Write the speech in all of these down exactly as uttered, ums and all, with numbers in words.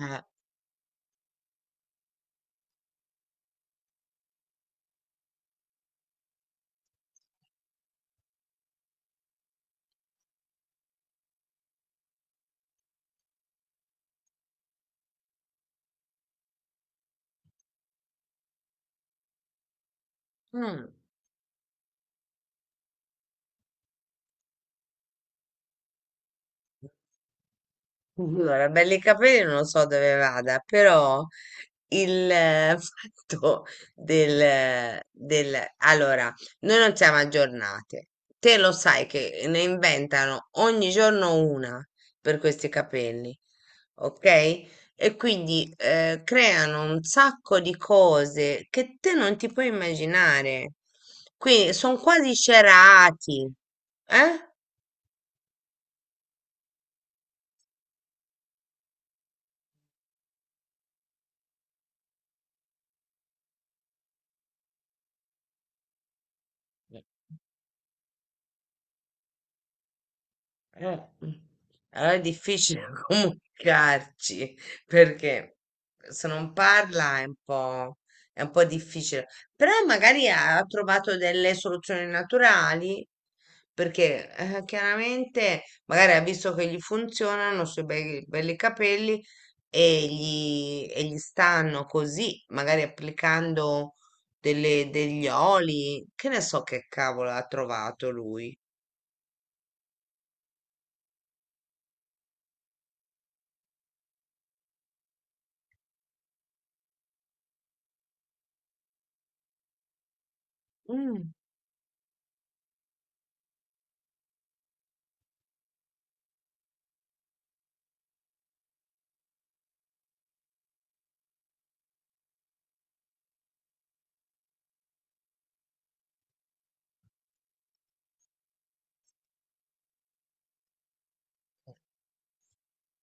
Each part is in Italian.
Eh, mm. Allora, belli capelli non lo so dove vada, però il eh, fatto del, del... Allora, noi non siamo aggiornate. Te lo sai che ne inventano ogni giorno una per questi capelli, ok? E quindi eh, creano un sacco di cose che te non ti puoi immaginare. Quindi sono quasi cerati, eh? Eh, allora è difficile comunicarci perché se non parla è un po', è un po' difficile, però magari ha trovato delle soluzioni naturali perché eh, chiaramente magari ha visto che gli funzionano sui bei, belli capelli e gli, e gli stanno così, magari applicando delle- degli oli, che ne so che cavolo ha trovato lui. Mm.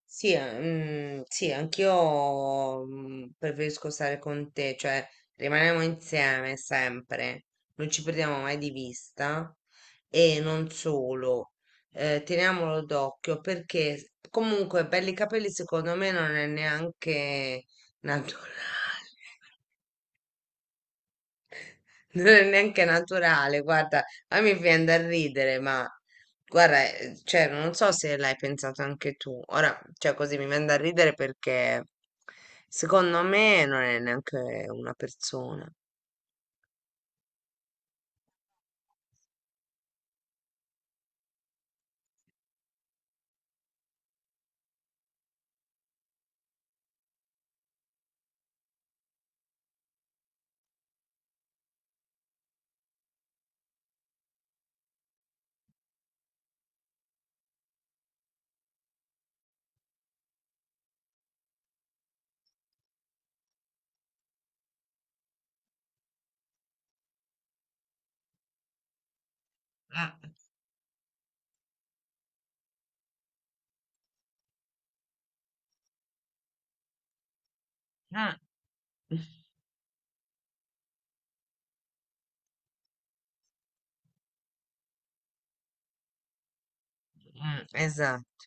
Sì, eh, mm, sì, anch'io mm, preferisco stare con te, cioè rimaniamo insieme sempre, non ci perdiamo mai di vista e non solo, eh, teniamolo d'occhio perché comunque per i capelli secondo me non è neanche naturale. Non è neanche naturale, guarda, a me viene da ridere, ma guarda, eh, cioè, non so se l'hai pensato anche tu. Ora, cioè, così mi viene da ridere perché secondo me non è neanche una persona. Mm, mm, mm, Esatto,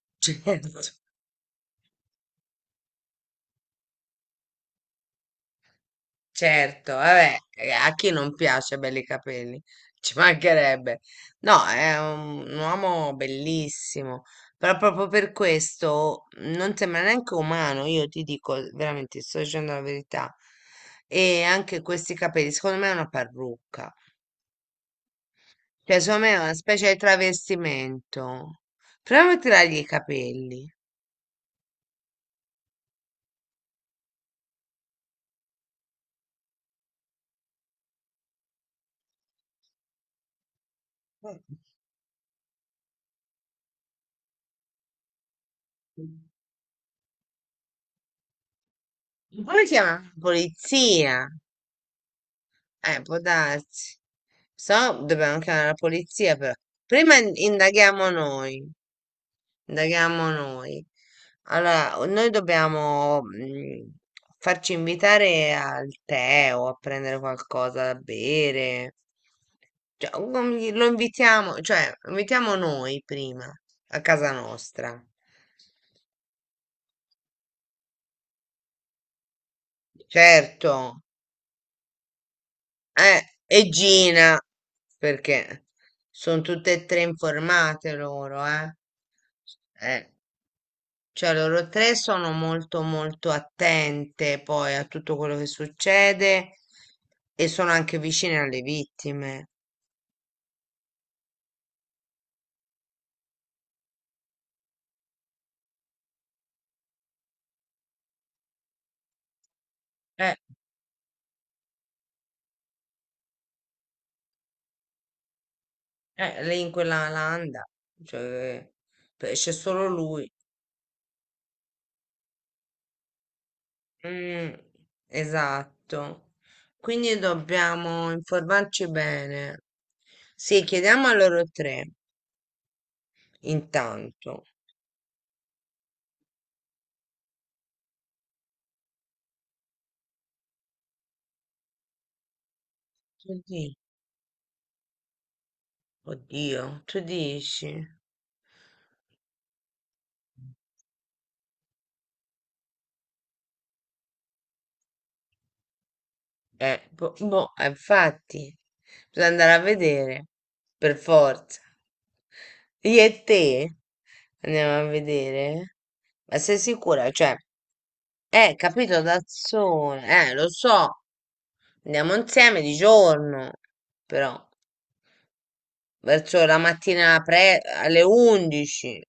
certo. Certo, vabbè, eh, a chi non piace belli capelli? Ci mancherebbe. No, è un, un uomo bellissimo, però proprio per questo non sembra neanche umano, io ti dico veramente, ti sto dicendo la verità. E anche questi capelli, secondo me è una parrucca, cioè secondo me è una specie di travestimento. Proviamo a tirargli i capelli. Eh, Come chiama? Polizia. Eh, può darsi. So, dobbiamo chiamare la polizia però. Prima in- indaghiamo noi. Indaghiamo noi. Allora, o- noi dobbiamo mm, farci invitare al tè o a prendere qualcosa da bere. Cioè, o com- lo invitiamo, cioè, invitiamo noi prima a casa nostra. Certo. Eh, e Gina, perché sono tutte e tre informate loro, eh. Eh, cioè loro tre sono molto molto attente poi a tutto quello che succede e sono anche vicine alle vittime. Eh, eh, lei in quella landa, cioè, pe- c'è solo lui. Mm, esatto. Quindi dobbiamo informarci bene. Sì, chiediamo a loro tre. Intanto, tu di oddio, tu dici? Eh, boh, boh, eh, infatti, bisogna andare a vedere, per forza. Io e te andiamo a vedere? Ma sei sicura? Cioè, eh, capito, da sole, eh, lo so, andiamo insieme di giorno, però, verso la mattina pre alle undici,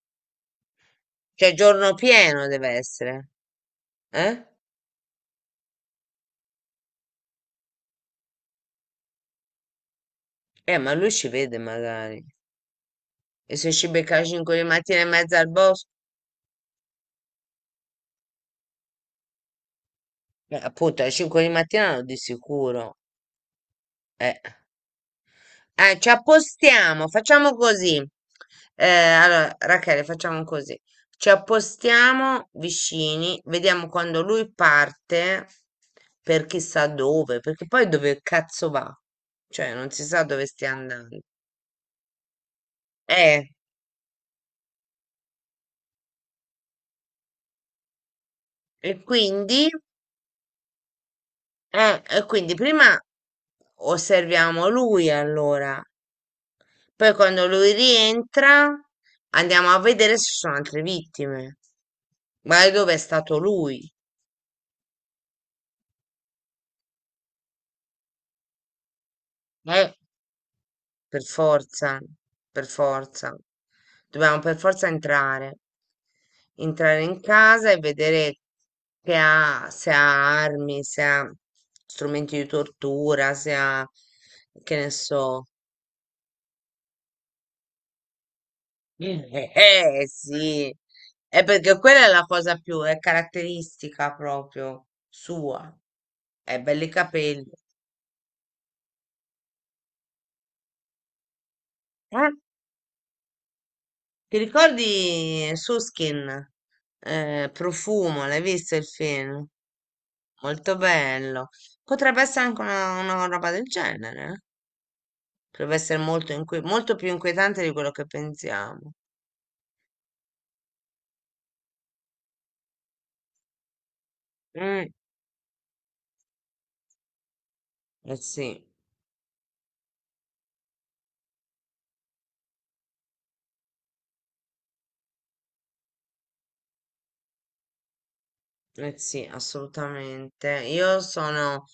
cioè giorno pieno deve essere, eh? Eh, ma lui ci vede magari. E se ci becca alle cinque di mattina in mezzo al bosco? Eh, appunto, alle cinque di mattina no, di sicuro. Eh, Eh, ci appostiamo, facciamo così. Eh, allora, Rachele, facciamo così. Ci appostiamo vicini, vediamo quando lui parte per chissà dove, perché poi dove cazzo va? Cioè, non si sa dove stia andando. Eh, e quindi... Eh, e quindi prima osserviamo lui allora, poi quando lui rientra andiamo a vedere se ci sono altre vittime. Ma dove è stato lui? Eh, per forza, per forza. Dobbiamo per forza entrare. Entrare in casa e vedere che ha, se ha armi, se ha strumenti di tortura, se ha, che ne so, Eh, eh, sì, è perché quella è la cosa più, è caratteristica proprio sua, è belli capelli. Eh? Ti ricordi Suskin? Eh, Profumo, l'hai visto il film? Molto bello. Potrebbe essere anche una, una roba del genere, eh. Potrebbe essere molto, inqui- molto più inquietante di quello che pensiamo. Mm, eh sì. Eh sì, assolutamente. Io sono...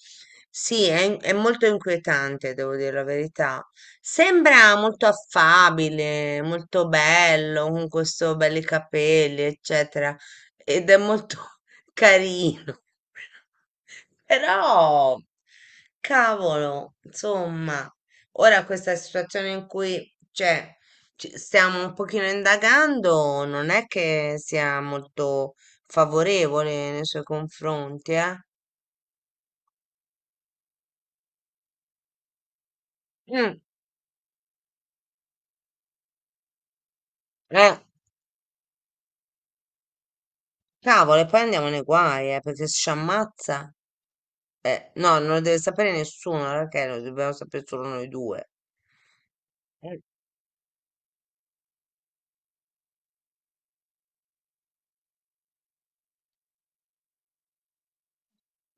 Sì, è, in- è molto inquietante, devo dire la verità. Sembra molto affabile, molto bello, con questo belli capelli, eccetera. Ed è molto carino. Però, cavolo, insomma, ora questa situazione in cui, cioè, ci stiamo un pochino indagando, non è che sia molto favorevole nei suoi confronti, eh? Mm, eh, cavolo, e poi andiamo nei guai, eh, perché se ci ammazza, eh, no, non lo deve sapere nessuno, perché lo dobbiamo sapere solo noi due.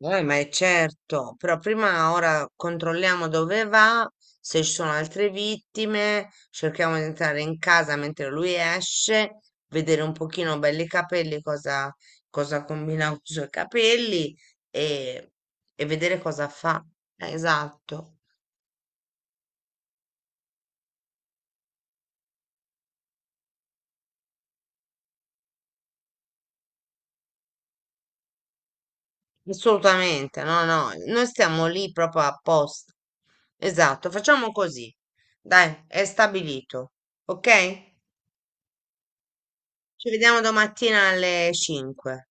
Eh, ma è certo, però prima ora controlliamo dove va, se ci sono altre vittime, cerchiamo di entrare in casa mentre lui esce, vedere un pochino belli i capelli, cosa, cosa combina con i suoi capelli e, e vedere cosa fa. Eh, Esatto, assolutamente, no, no, noi stiamo lì proprio apposta. Esatto, facciamo così. Dai, è stabilito, ok? Ci vediamo domattina alle cinque.